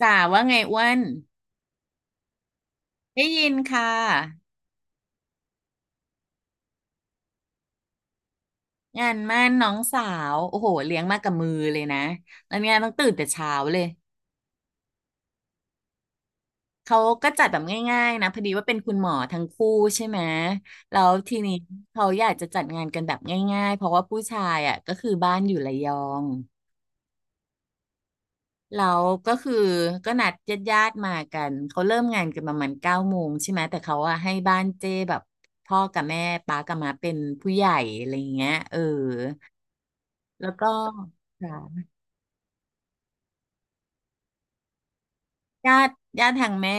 จ๋าว่าไงอ้วนได้ยินค่ะงานมั่นน้องสาวโอ้โหเลี้ยงมากับมือเลยนะแล้วเนี่ยต้องตื่นแต่เช้าเลยเขาก็จัดแบบง่ายๆนะพอดีว่าเป็นคุณหมอทั้งคู่ใช่ไหมแล้วทีนี้เขาอยากจะจัดงานกันแบบง่ายๆเพราะว่าผู้ชายอ่ะก็คือบ้านอยู่ระยองแล้วก็คือก็นัดญาติๆมากันเขาเริ่มงานกันประมาณเก้าโมงใช่ไหมแต่เขาอะให้บ้านเจ้แบบพ่อกับแม่ป้ากับมาเป็นผู้ใหญ่อะไรอย่างเงี้ยเออ แล้วก็ค่ะญาติญาติทางแม่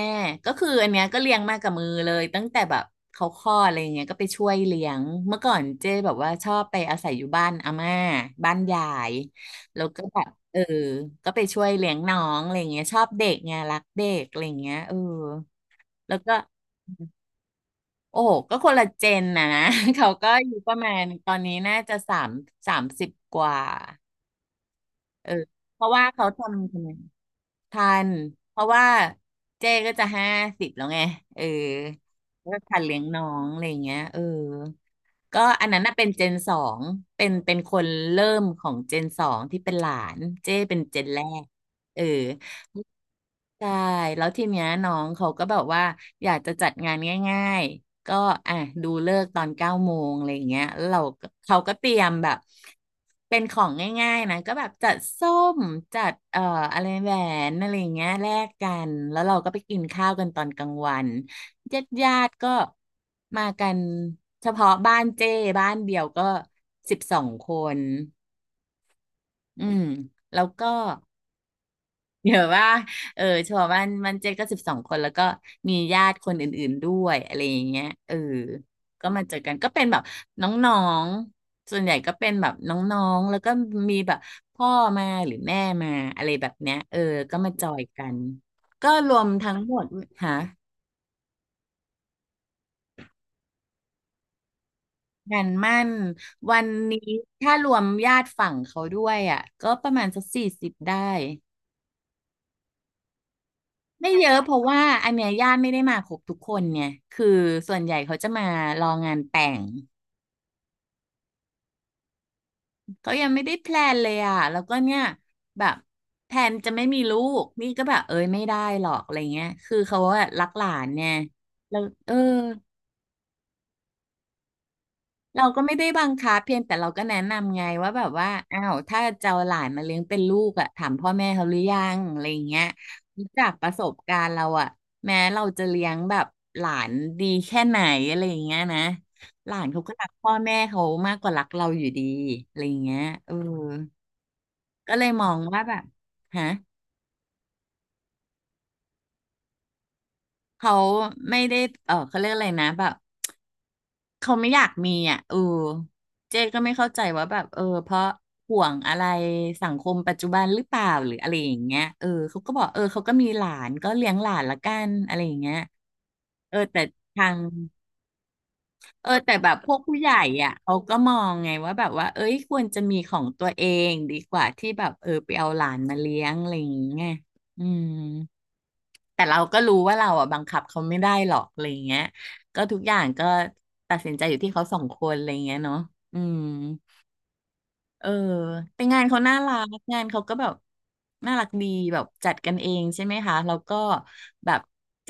ก็คืออันเนี้ยก็เลี้ยงมากับมือเลยตั้งแต่แบบเขาคลอดอะไรอย่างเงี้ยก็ไปช่วยเลี้ยงเมื่อก่อนเจ้แบบว่าชอบไปอาศัยอยู่บ้านอาม่าบ้านยายแล้วก็แบบเออก็ไปช่วยเลี้ยงน้องอะไรอย่างเงี้ยชอบเด็กไงรักเด็กอะไรอย่างเงี้ยเออแล้วก็โอ้โหก็คนละเจนนะ เขาก็อยู่ประมาณตอนนี้น่าจะสามสิบกว่าเออเพราะว่าเขาทำไม ทันเพราะว่าเจ๊ก็จะ50แล้วไง เออแล้วก็ทันเลี้ยงน้องอะไรอย่างเงี้ยเออ ก็อันนั้นน่ะเป็นเจนสองเป็นคนเริ่มของเจนสองที่เป็นหลานเจ้เป็นเจนแรกเออใช่แล้วทีเนี้ยน้องเขาก็แบบว่าอยากจะจัดงานง่ายๆก็อ่ะดูเลิกษ์ตอนเก้าโมงอะไรอย่างเงี้ยแล้วเขาก็เตรียมแบบเป็นของง่ายๆนะก็แบบจัดส้มจัดอะไรแหวนอะไรอย่างเงี้ยแลกกันแล้วเราก็ไปกินข้าวกันตอนกลางวัน ญาติญาติก็มากันเฉพาะบ้านเจ้บ้านเดี่ยวก็สิบสองคนอืมแล้วก็เดี๋ยวว่าเออเฉพาะบ้านเจ้ก็สิบสองคนแล้วก็มีญาติคนอื่นๆด้วยอะไรอย่างเงี้ยเออก็มาเจอกันก็เป็นแบบน้องๆส่วนใหญ่ก็เป็นแบบน้องๆแล้วก็มีแบบพ่อมาหรือแม่มาอะไรแบบเนี้ยเออก็มาจอยกันก็รวมทั้งหมดหา งานมั่นวันนี้ถ้ารวมญาติฝั่งเขาด้วยอ่ะก็ประมาณสัก40ได้ไม่เยอะเพราะว่าอันเนี้ยญาติไม่ได้มาครบทุกคนเนี่ยคือส่วนใหญ่เขาจะมารองานแต่งเขายังไม่ได้แพลนเลยอ่ะแล้วก็เนี่ยแบบแพลนจะไม่มีลูกนี่ก็แบบเอ้ยไม่ได้หรอกอะไรเงี้ยคือเขาอะรักหลานเนี่ยแล้วเออ เราก็ไม่ได้บังคับเพียงแต่เราก็แนะนำไงว่าแบบว่าอ้าวถ้าจะเอาหลานมาเลี้ยงเป็นลูกอะถามพ่อแม่เขาหรือยังอะไรอย่างเงี้ยจากประสบการณ์เราอะแม้เราจะเลี้ยงแบบหลานดีแค่ไหนอะไรอย่างเงี้ยนะหลานเขาก็รักพ่อแม่เขามากกว่ารักเราอยู่ดีอะไรอย่างเงี้ยเออก็เลยมองว่าแบบฮะเขาไม่ได้เออเขาเรียกอะไรนะแบบ เขาไม่อยากมีอ่ะเออเจ๊ก็ไม่เข้าใจว่าแบบเออเพราะห่วงอะไรสังคมปัจจุบันหรือเปล่าหรืออะไรอย่างเงี้ยเออเขาก็บอกเออเขาก็มีหลานก็เลี้ยงหลานละกันอะไรอย่างเงี้ยเออแต่ทางเออแต่แบบพวกผู้ใหญ่อ่ะเขาก็มองไงว่าแบบว่าเอ้ยควรจะมีของตัวเองดีกว่าที่แบบเออไปเอาหลานมาเลี้ยงอะไรอย่างเงี้ยอืม แต่เราก็รู้ว่าเราอ่ะบังคับเขาไม่ได้หรอกอะไรเงี้ยก็ทุกอย่างก็ตัดสินใจอยู่ที่เขาสองคนอะไรเงี้ยเนาะอืมเออแต่งานเขาน่ารักงานเขาก็แบบน่ารักดีแบบจัดกันเองใช่ไหมคะแล้วก็แบบ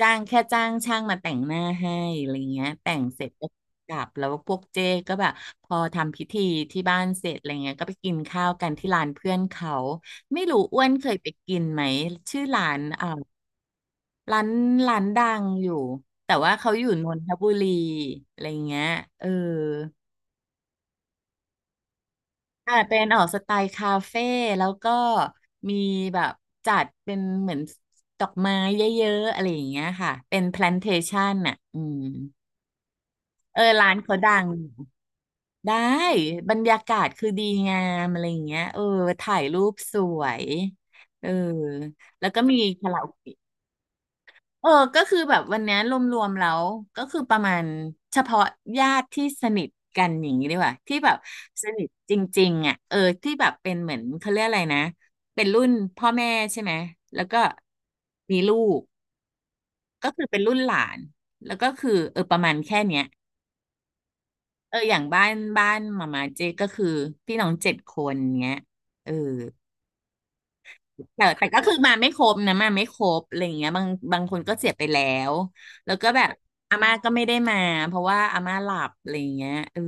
จ้างช่างมาแต่งหน้าให้อะไรเงี้ยแต่งเสร็จก็กลับแล้วพวกเจ๊ก็แบบพอทำพิธีที่บ้านเสร็จอะไรเงี้ยก็ไปกินข้าวกันที่ร้านเพื่อนเขาไม่รู้อ้วนเคยไปกินไหมชื่อร้านอ่า ร้านร้านดังอยู่แต่ว่าเขาอยู่นนทบุรีอะไรเงี้ยเอออ่าเป็นออกสไตล์คาเฟ่แล้วก็มีแบบจัดเป็นเหมือนดอกไม้เยอะๆอะไรอย่างเงี้ยค่ะเป็นแพลนเทชันน่ะอืมเออร้านเขาดังได้บรรยากาศคือดีงามอะไรอย่างเงี้ยเออถ่ายรูปสวยเออแล้วก็มีคาราโอเกะ เออก็คือแบบวันเนี้ยรวมๆแล้วก็คือประมาณเฉพาะญาติที่สนิทกันอย่างนี้ดีกว่าที่แบบสนิทจริงๆอ่ะเออที่แบบเป็นเหมือนเขาเรียกอะไรนะเป็นรุ่นพ่อแม่ใช่ไหมแล้วก็มีลูกก็คือเป็นรุ่นหลานแล้วก็คือเออประมาณแค่เนี้ยเอออย่างบ้านมาเจก็คือพี่น้องเจ็ดคนเงี้ยเออ แต่แต่ก็คือมาไม่ครบนะมาไม่ครบอะไรอย่างเงี้ยบางคนก็เสียไปแล้วแล้วก็แบบอาม่าก็ไม่ได้มาเพราะว่าอาม่าหลับอะไรอย่างเงี้ยเออ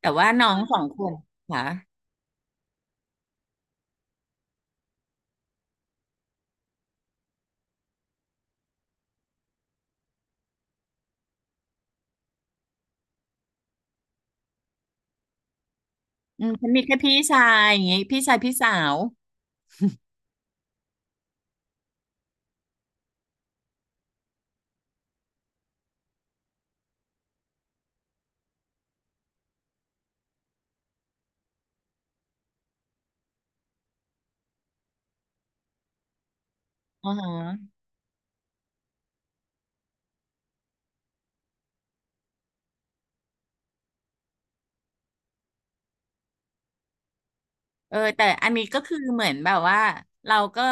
แต่ว่าน้องสองคนค่ะอืมฉันมีแค่พี่ชายอย่างเงี้ยพี่ชายพี่สาวอ๋อฮะ เออแต่อันนี้ก็คือเหมือนแบบว่าเราก็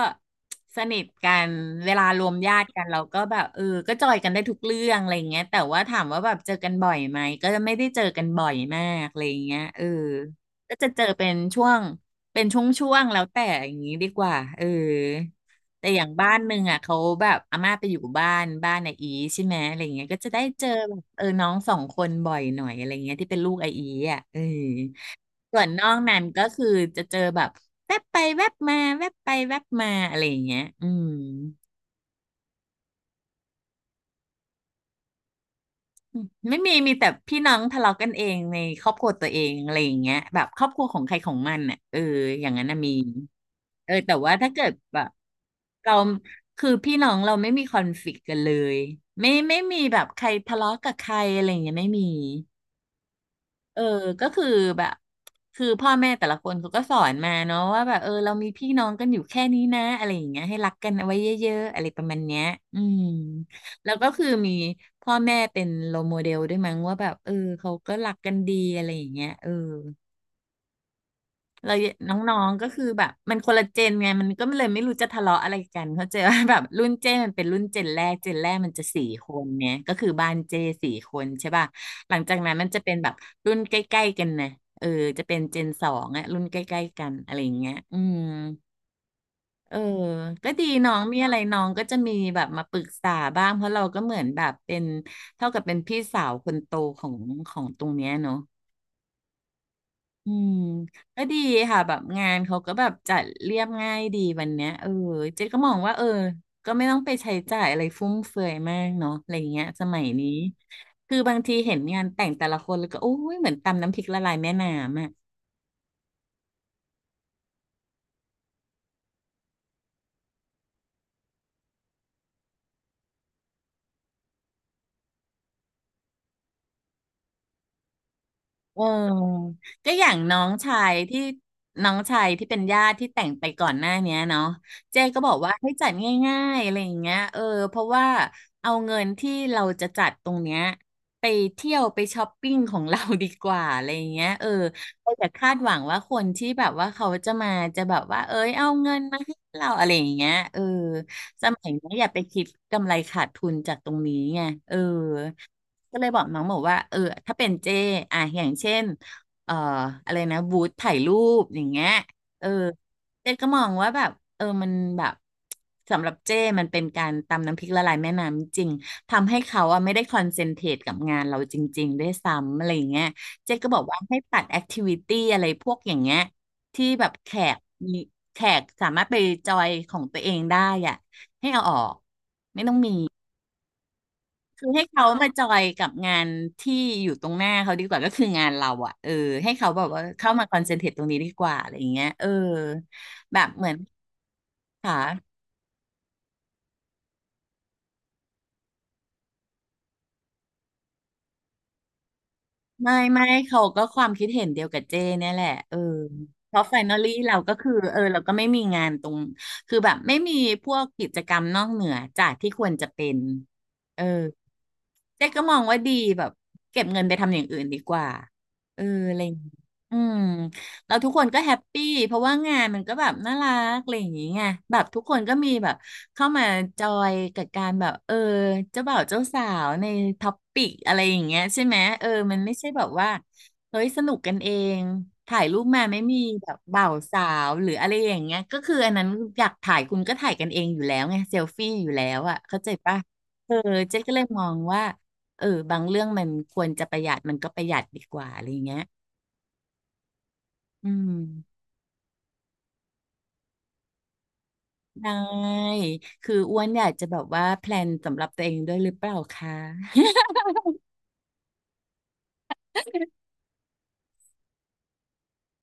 สนิทกันเวลารวมญาติกันเราก็แบบเออก็จอยกันได้ทุกเรื่องอะไรอย่างเงี้ยแต่ว่าถามว่าแบบเจอกันบ่อยไหมก็จะไม่ได้เจอกันบ่อยมากอะไรอย่างเงี้ยเออก็จะเจอเป็นช่วงเป็นช่วงๆแล้วแต่อย่างนี้ดีกว่าเออแต่อย่างบ้านหนึ่งอ่ะเขาแบบอาม่าไปอยู่บ้านไออีใช่ไหมอะไรอย่างเงี้ยก็จะได้เจอแบบเออน้องสองคนบ่อยหน่อยอะไรอย่างเงี้ยที่เป็นลูกไออีอ่ะเออ ส่วนนอกนั้นก็คือจะเจอแบบแวบไปแวบมาแวบไปแวบมาอะไรอย่างเงี้ยอืมไม่มีมีแต่พี่น้องทะเลาะกันเองในครอบครัวตัวเองอะไรอย่างเงี้ยแบบครอบครัวของใครของมันอ่ะเอออย่างนั้นน่ะมีเออแต่ว่าถ้าเกิดแบบเราคือพี่น้องเราไม่มีคอนฟลิกต์กันเลยไม่มีแบบใครทะเลาะกับใครอะไรอย่างเงี้ยไม่มี เออก็คือแบบคือพ่อแม่แต่ละคนเขาก็สอนมาเนาะว่าแบบเออเรามีพี่น้องกันอยู่แค่นี้นะอะไรอย่างเงี้ยให้รักกันเอาไว้เยอะๆอะไรประมาณเนี้ยอืมแล้วก็คือมีพ่อแม่เป็นโรลโมเดลด้วยมั้งว่าแบบเออเขาก็รักกันดีอะไรอย่างเงี้ยเออ เราน้องๆก็คือแบบมันคนละเจนไงมันก็เลยไม่รู้จะทะเลาะอะไรกันเขาใจว่า แบบรุ่นเจมันเป็นรุ่นเจนแรกมันจะสี่คนเนี่ยก็คือบ้านเจสี่คนใช่ป่ะหลังจากนั้นมันจะเป็นแบบรุ่นใกล้ๆกันนะเออจะเป็นเจนสองอะรุ่นใกล้ๆกันอะไรอย่างเงี้ยอืมเออก็ดีน้องมีอะไรน้องก็จะมีแบบมาปรึกษาบ้างเพราะเราก็เหมือนแบบเป็นเท่ากับเป็นพี่สาวคนโตของของตรงเนี้ยเนาะ อืมก็ดีค่ะแบบงานเขาก็แบบจัดเรียบง่ายดีวันเนี้ยเออเจ๊ก็มองว่าเออก็ไม่ต้องไปใช้จ่ายอะไรฟุ่มเฟือยมากเนาะอะไรอย่างเงี้ยสมัยนี้คือบางทีเห็นงานแต่งแต่ละคนแล้วก็โอ้ยเหมือนตำน้ำพริกละลายแม่น้ำอ่ะ เออก็อย่างน้องชายที่เป็นญาติที่แต่งไปก่อนหน้าเนี้ยเนาะเจ๊ก็บอกว่าให้จัดง่ายๆอะไรอย่างเงี้ยเออเพราะว่าเอาเงินที่เราจะจัดตรงเนี้ยไปเที่ยวไปช้อปปิ้งของเรา ดีกว่าอะไรอย่างเงี้ยเออเราอย่าคาดหวังว่าคนที่แบบว่าเขาจะมาจะแบบว่าเอ้ยเอาเงินมาให้เราอะไรอย่างเงี้ยเออสมัยนี้อย่าไปคิดกำไรขาดทุนจากตรงนี้ไงเออ ก็เลยบอกน้องบอกว่าเออถ้าเป็นเจอ่ะอย่างเช่นเอ่ออะไรนะบูธถ่ายรูปอย่างเงี้ยเออเจก็มองว่าแบบเออมันแบบสำหรับเจมันเป็นการตำน้ำพริกละลายแม่น้ำจริงทำให้เขาอะไม่ได้คอนเซนเทรตกับงานเราจริงๆด้วยซ้ำอะไรอย่างเงี้ยเจ๊ก็บอกว่าให้ตัดแอคทิวิตี้อะไรพวกอย่างเงี้ยที่แบบแขกมีแขกสามารถไปจอยของตัวเองได้อ่ะให้เอาออก คือให้เขามาจอยกับงานที่อยู่ตรงหน้าเขาดีกว่าก็คืองานเราอะเออให้เขาแบบว่าเข้ามาคอนเซนเทรตตรงนี้ดีกว่าอะไรอย่างเงี้ยเออแบบเหมือนค่ะไม่เขาก็ความคิดเห็นเดียวกับเจ้เนี่ยแหละเออเพราะไฟนลลี่เราก็คือเออเราก็ไม่มีงานตรงคือแบบไม่มีพวกกิจกรรมนอกเหนือจากที่ควรจะเป็นเออ เจ๊ก็มองว่าดีแบบเก็บเงินไปทำอย่างอื่นดีกว่าเอออะไรอย่างงี้อืมแล้วทุกคนก็แฮปปี้เพราะว่างานมันก็แบบน่ารักอะไรอย่างงี้ไงแบบทุกคนก็มีแบบเข้ามาจอยกับการแบบเออเจ้าบ่าวเจ้าสาวในท็อปปิกอะไรอย่างเงี้ยใช่ไหมเออมันไม่ใช่แบบว่าเฮ้ยสนุกกันเองถ่ายรูปมาไม่มีแบบบ่าวสาวหรืออะไรอย่างเงี้ยก็คืออันนั้นอยากถ่ายคุณก็ถ่ายกันเองอยู่แล้วไงเซลฟี่อยู่แล้วอ่ะเข้าใจปะเออเจ๊ก็เลยมองว่า เออบางเรื่องมันควรจะประหยัดมันก็ประหยัดดีกว่าอะไรอย่างเงี้ยอืมได้คืออ้วนอยากจะแบบว่าแพลนสำหรับตัวเองด้วยหรือเปล่าคะ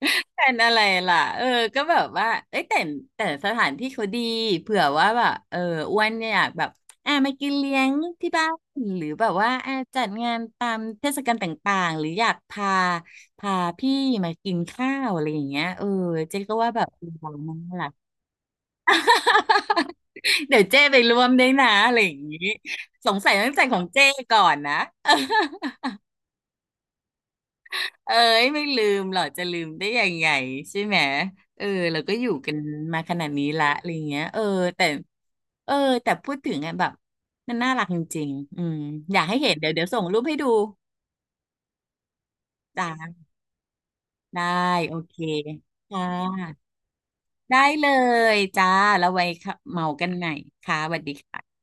แพลนอะไรล่ะเออก็แบบว่าเอ้ยแต่แต่สถานที่เขาดีเผื่อว่าแบบเอออ้วนเนี่ยอยากแบบอ่ะมากินเลี้ยงที่บ้านหรือแบบว่าอ่ะจัดงานตามเทศกาลต่างๆหรืออยากพาพี่มากินข้าวอะไรอย่างเงี้ยเออเจ๊ก็ว่าแบบเราน่ารัก เดี๋ยวเจ้ไปร่วมด้วยนะอะไรอย่างนี้สงสัยต้องใส่ของเจ้ก่อนนะ เอ้ยไม่ลืมหรอจะลืมได้ยังไงใช่ไหมเออเราก็อยู่กันมาขนาดนี้ละอะไรเงี้ยเออแต่เออแต่พูดถึงอะแบบมันน่ารักจริงๆอืมอยากให้เห็นเดี๋ยวส่งรูปให้ดูจ้าได้โอเคค่ะได้เลยจ้าแล้วไว้ค่ะเมากันใหม่ค่ะสวัสดีค่ะ